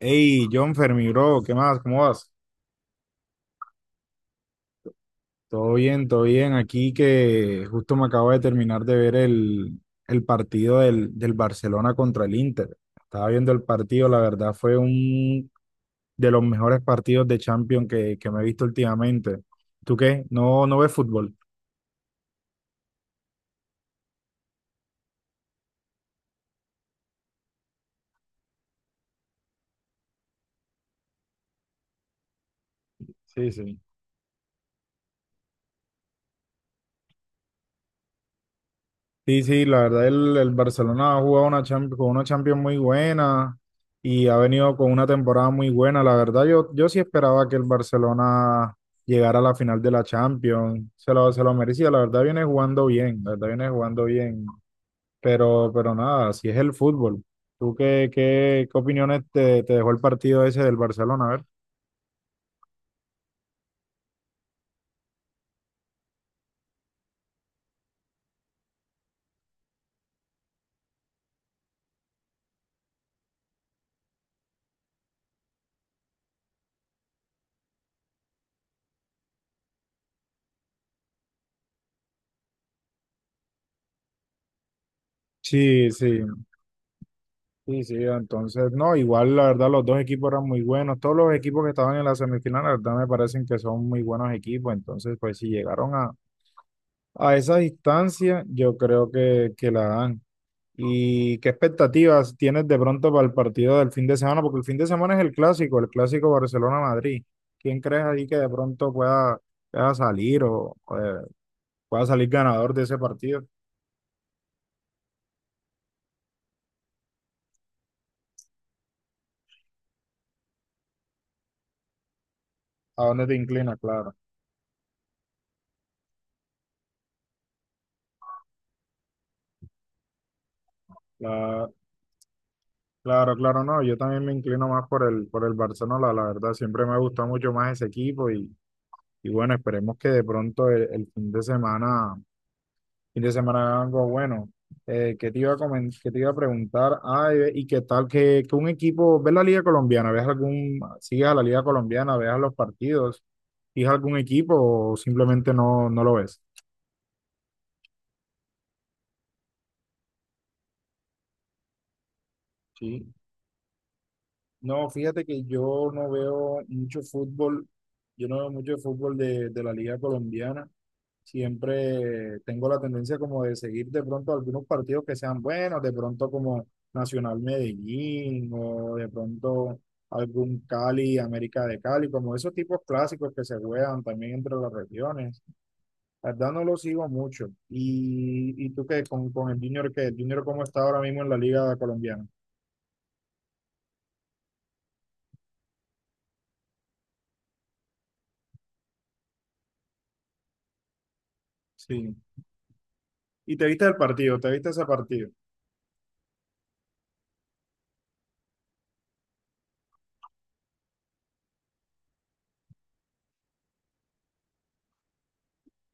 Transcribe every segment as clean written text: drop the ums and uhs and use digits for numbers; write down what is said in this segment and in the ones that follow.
Hey, John Fermi, bro, ¿qué más? ¿Cómo vas? Todo bien, todo bien. Aquí que justo me acabo de terminar de ver el partido del Barcelona contra el Inter. Estaba viendo el partido, la verdad fue un de los mejores partidos de Champions que me he visto últimamente. ¿Tú qué? No ves fútbol? Sí, sí. Sí, sí, la verdad el Barcelona ha jugado una con una Champions muy buena y ha venido con una temporada muy buena. La verdad yo sí esperaba que el Barcelona llegara a la final de la Champions. Se lo merecía, la verdad viene jugando bien, la verdad viene jugando bien. Pero nada, así es el fútbol. ¿Tú qué opiniones te dejó el partido ese del Barcelona? A ver. Sí, sí. Sí, sí, entonces, no, igual la verdad los dos equipos eran muy buenos, todos los equipos que estaban en la semifinal, la verdad me parecen que son muy buenos equipos, entonces pues si llegaron a esa distancia, yo creo que la dan. ¿Y qué expectativas tienes de pronto para el partido del fin de semana? Porque el fin de semana es el clásico Barcelona-Madrid. ¿Quién crees ahí que de pronto pueda salir pueda salir ganador de ese partido? ¿A dónde te inclinas? Claro. La- Claro, claro, no, yo también me inclino más por el Barcelona, la verdad, siempre me ha gustado mucho más ese equipo y bueno, esperemos que de pronto el fin de semana haga algo bueno. ¿ Qué te iba a preguntar? Ay, y qué tal que un equipo, ¿ves la Liga Colombiana? ¿Ves algún, sigues a la Liga Colombiana? ¿Ves los partidos? ¿Sigues algún equipo o simplemente no lo ves? Sí. No, fíjate que yo no veo mucho fútbol, yo no veo mucho fútbol de la Liga Colombiana. Siempre tengo la tendencia como de seguir de pronto algunos partidos que sean buenos, de pronto como Nacional Medellín o de pronto algún Cali, América de Cali, como esos tipos clásicos que se juegan también entre las regiones. La verdad no lo sigo mucho. Y tú qué con el Junior qué? ¿El Junior cómo está ahora mismo en la Liga Colombiana? Sí. Y te viste el partido, te viste ese partido.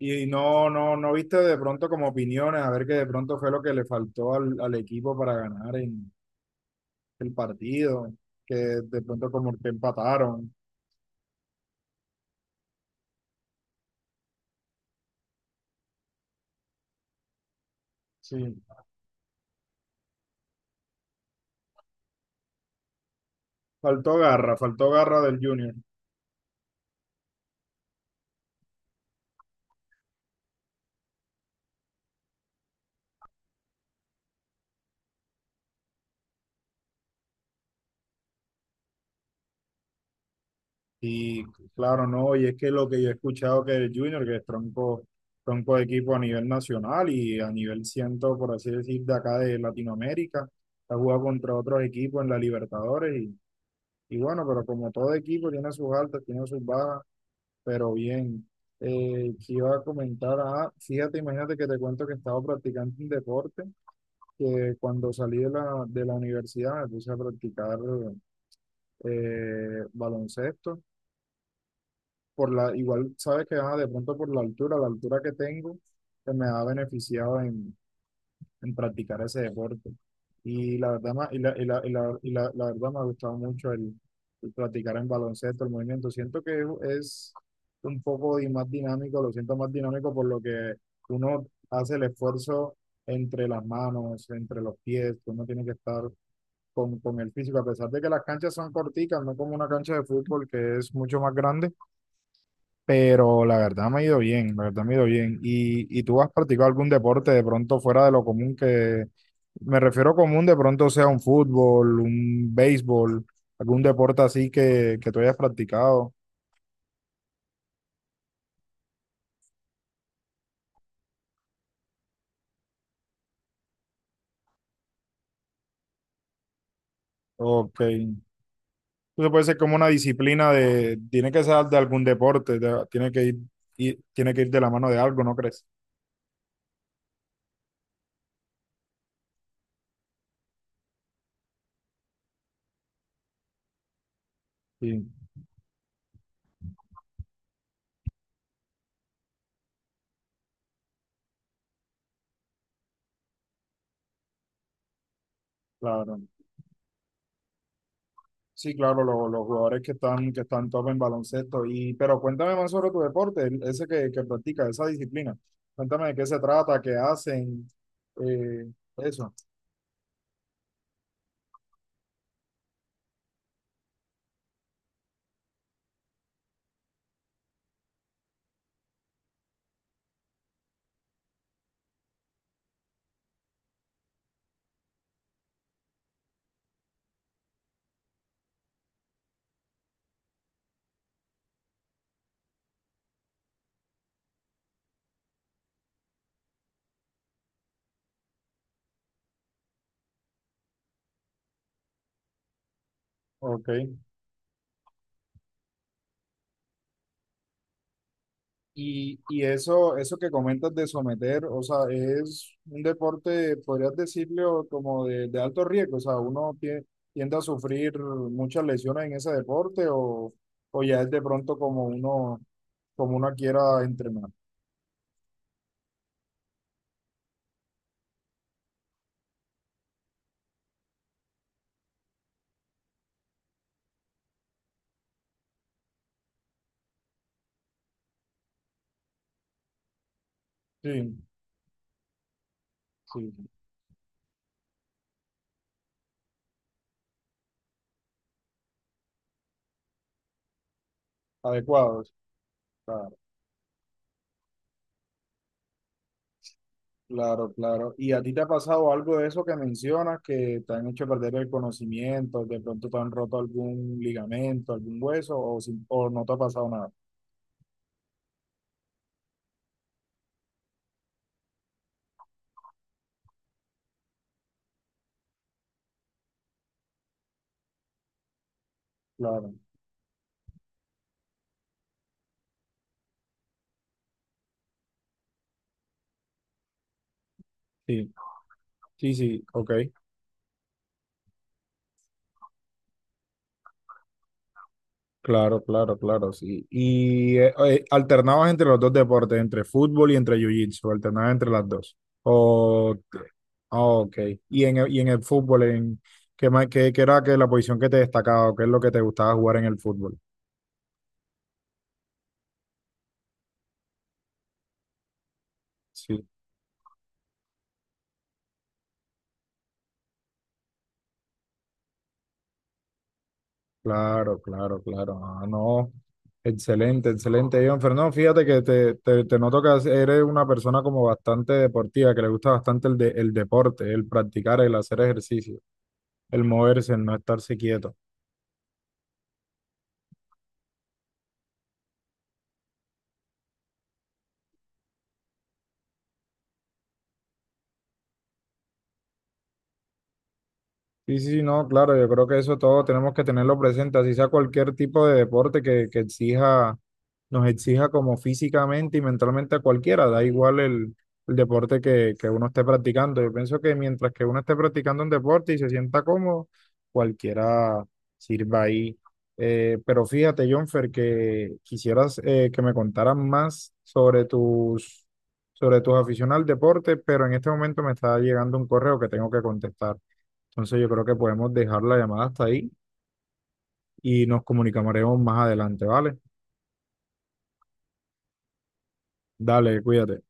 Y no viste de pronto como opiniones, a ver qué de pronto fue lo que le faltó al equipo para ganar el partido, que de pronto como que empataron. Sí, faltó garra del Junior. Y claro, no, y es que lo que yo he escuchado que el Junior, que es tronco, tronco de equipo a nivel nacional y a nivel ciento, por así decir, de acá de Latinoamérica, ha jugado contra otros equipos en la Libertadores. Y bueno, pero como todo equipo tiene sus altas, tiene sus bajas, pero bien. Que iba a comentar, ah, Fíjate, imagínate que te cuento que estaba practicando un deporte que cuando salí de de la universidad me puse a practicar baloncesto. Por la, igual sabes que de pronto por la altura que tengo, que me ha beneficiado en practicar ese deporte. Y la verdad, ma- y la, y la, y la, y la- la verdad me ha gustado mucho el practicar en baloncesto, el movimiento. Siento que es un poco más dinámico, lo siento más dinámico por lo que uno hace el esfuerzo entre las manos, entre los pies, que uno tiene que estar con el físico, a pesar de que las canchas son corticas, no como una cancha de fútbol que es mucho más grande, pero la verdad me ha ido bien, la verdad me ha ido bien. Y tú has practicado algún deporte de pronto fuera de lo común me refiero común, de pronto sea un fútbol, un béisbol, algún deporte así que tú hayas practicado? Ok. Entonces puede ser como una disciplina de, tiene que ser de algún deporte, tiene que tiene que ir de la mano de algo, ¿no crees? Sí, claro. Sí, claro, los jugadores que están top en baloncesto. Y, pero cuéntame más sobre tu deporte, ese que practicas, esa disciplina. Cuéntame de qué se trata, qué hacen, eh, eso. Ok. Y eso que comentas de someter, o sea, es un deporte, podrías decirlo, como de alto riesgo. O sea, uno tiende a sufrir muchas lesiones en ese deporte o ya es de pronto como uno quiera entrenar. Sí, sí, adecuados. Claro, claro. ¿Y a ti te ha pasado algo de eso que mencionas, que te han hecho perder el conocimiento, de pronto te han roto algún ligamento, algún hueso, o no te ha pasado nada? Claro. Sí, sí, sí, ok. Claro, claro, claro, sí. Alternabas entre los dos deportes, entre fútbol y entre jiu-jitsu, alternabas entre las dos. O, ah, ok. Y en el fútbol, en, qué era que la posición que te destacaba o qué es lo que te gustaba jugar en el fútbol? Sí, claro, claro, claro. Ah, no. Excelente, excelente, John Fernando. Fíjate que te noto que eres una persona como bastante deportiva, que le gusta bastante el deporte, el practicar, el hacer ejercicio, el moverse, el no estarse quieto. Sí, sí, sí, no, claro, yo creo que eso todo tenemos que tenerlo presente, así sea cualquier tipo de deporte que exija, nos exija como físicamente y mentalmente a cualquiera, da igual el deporte que uno esté practicando. Yo pienso que mientras que uno esté practicando un deporte y se sienta cómodo, cualquiera sirva ahí. Pero fíjate, Jonfer, que quisieras que me contaras más sobre sobre tus aficiones al deporte, pero en este momento me está llegando un correo que tengo que contestar. Entonces yo creo que podemos dejar la llamada hasta ahí y nos comunicaremos más adelante, ¿vale? Dale, cuídate.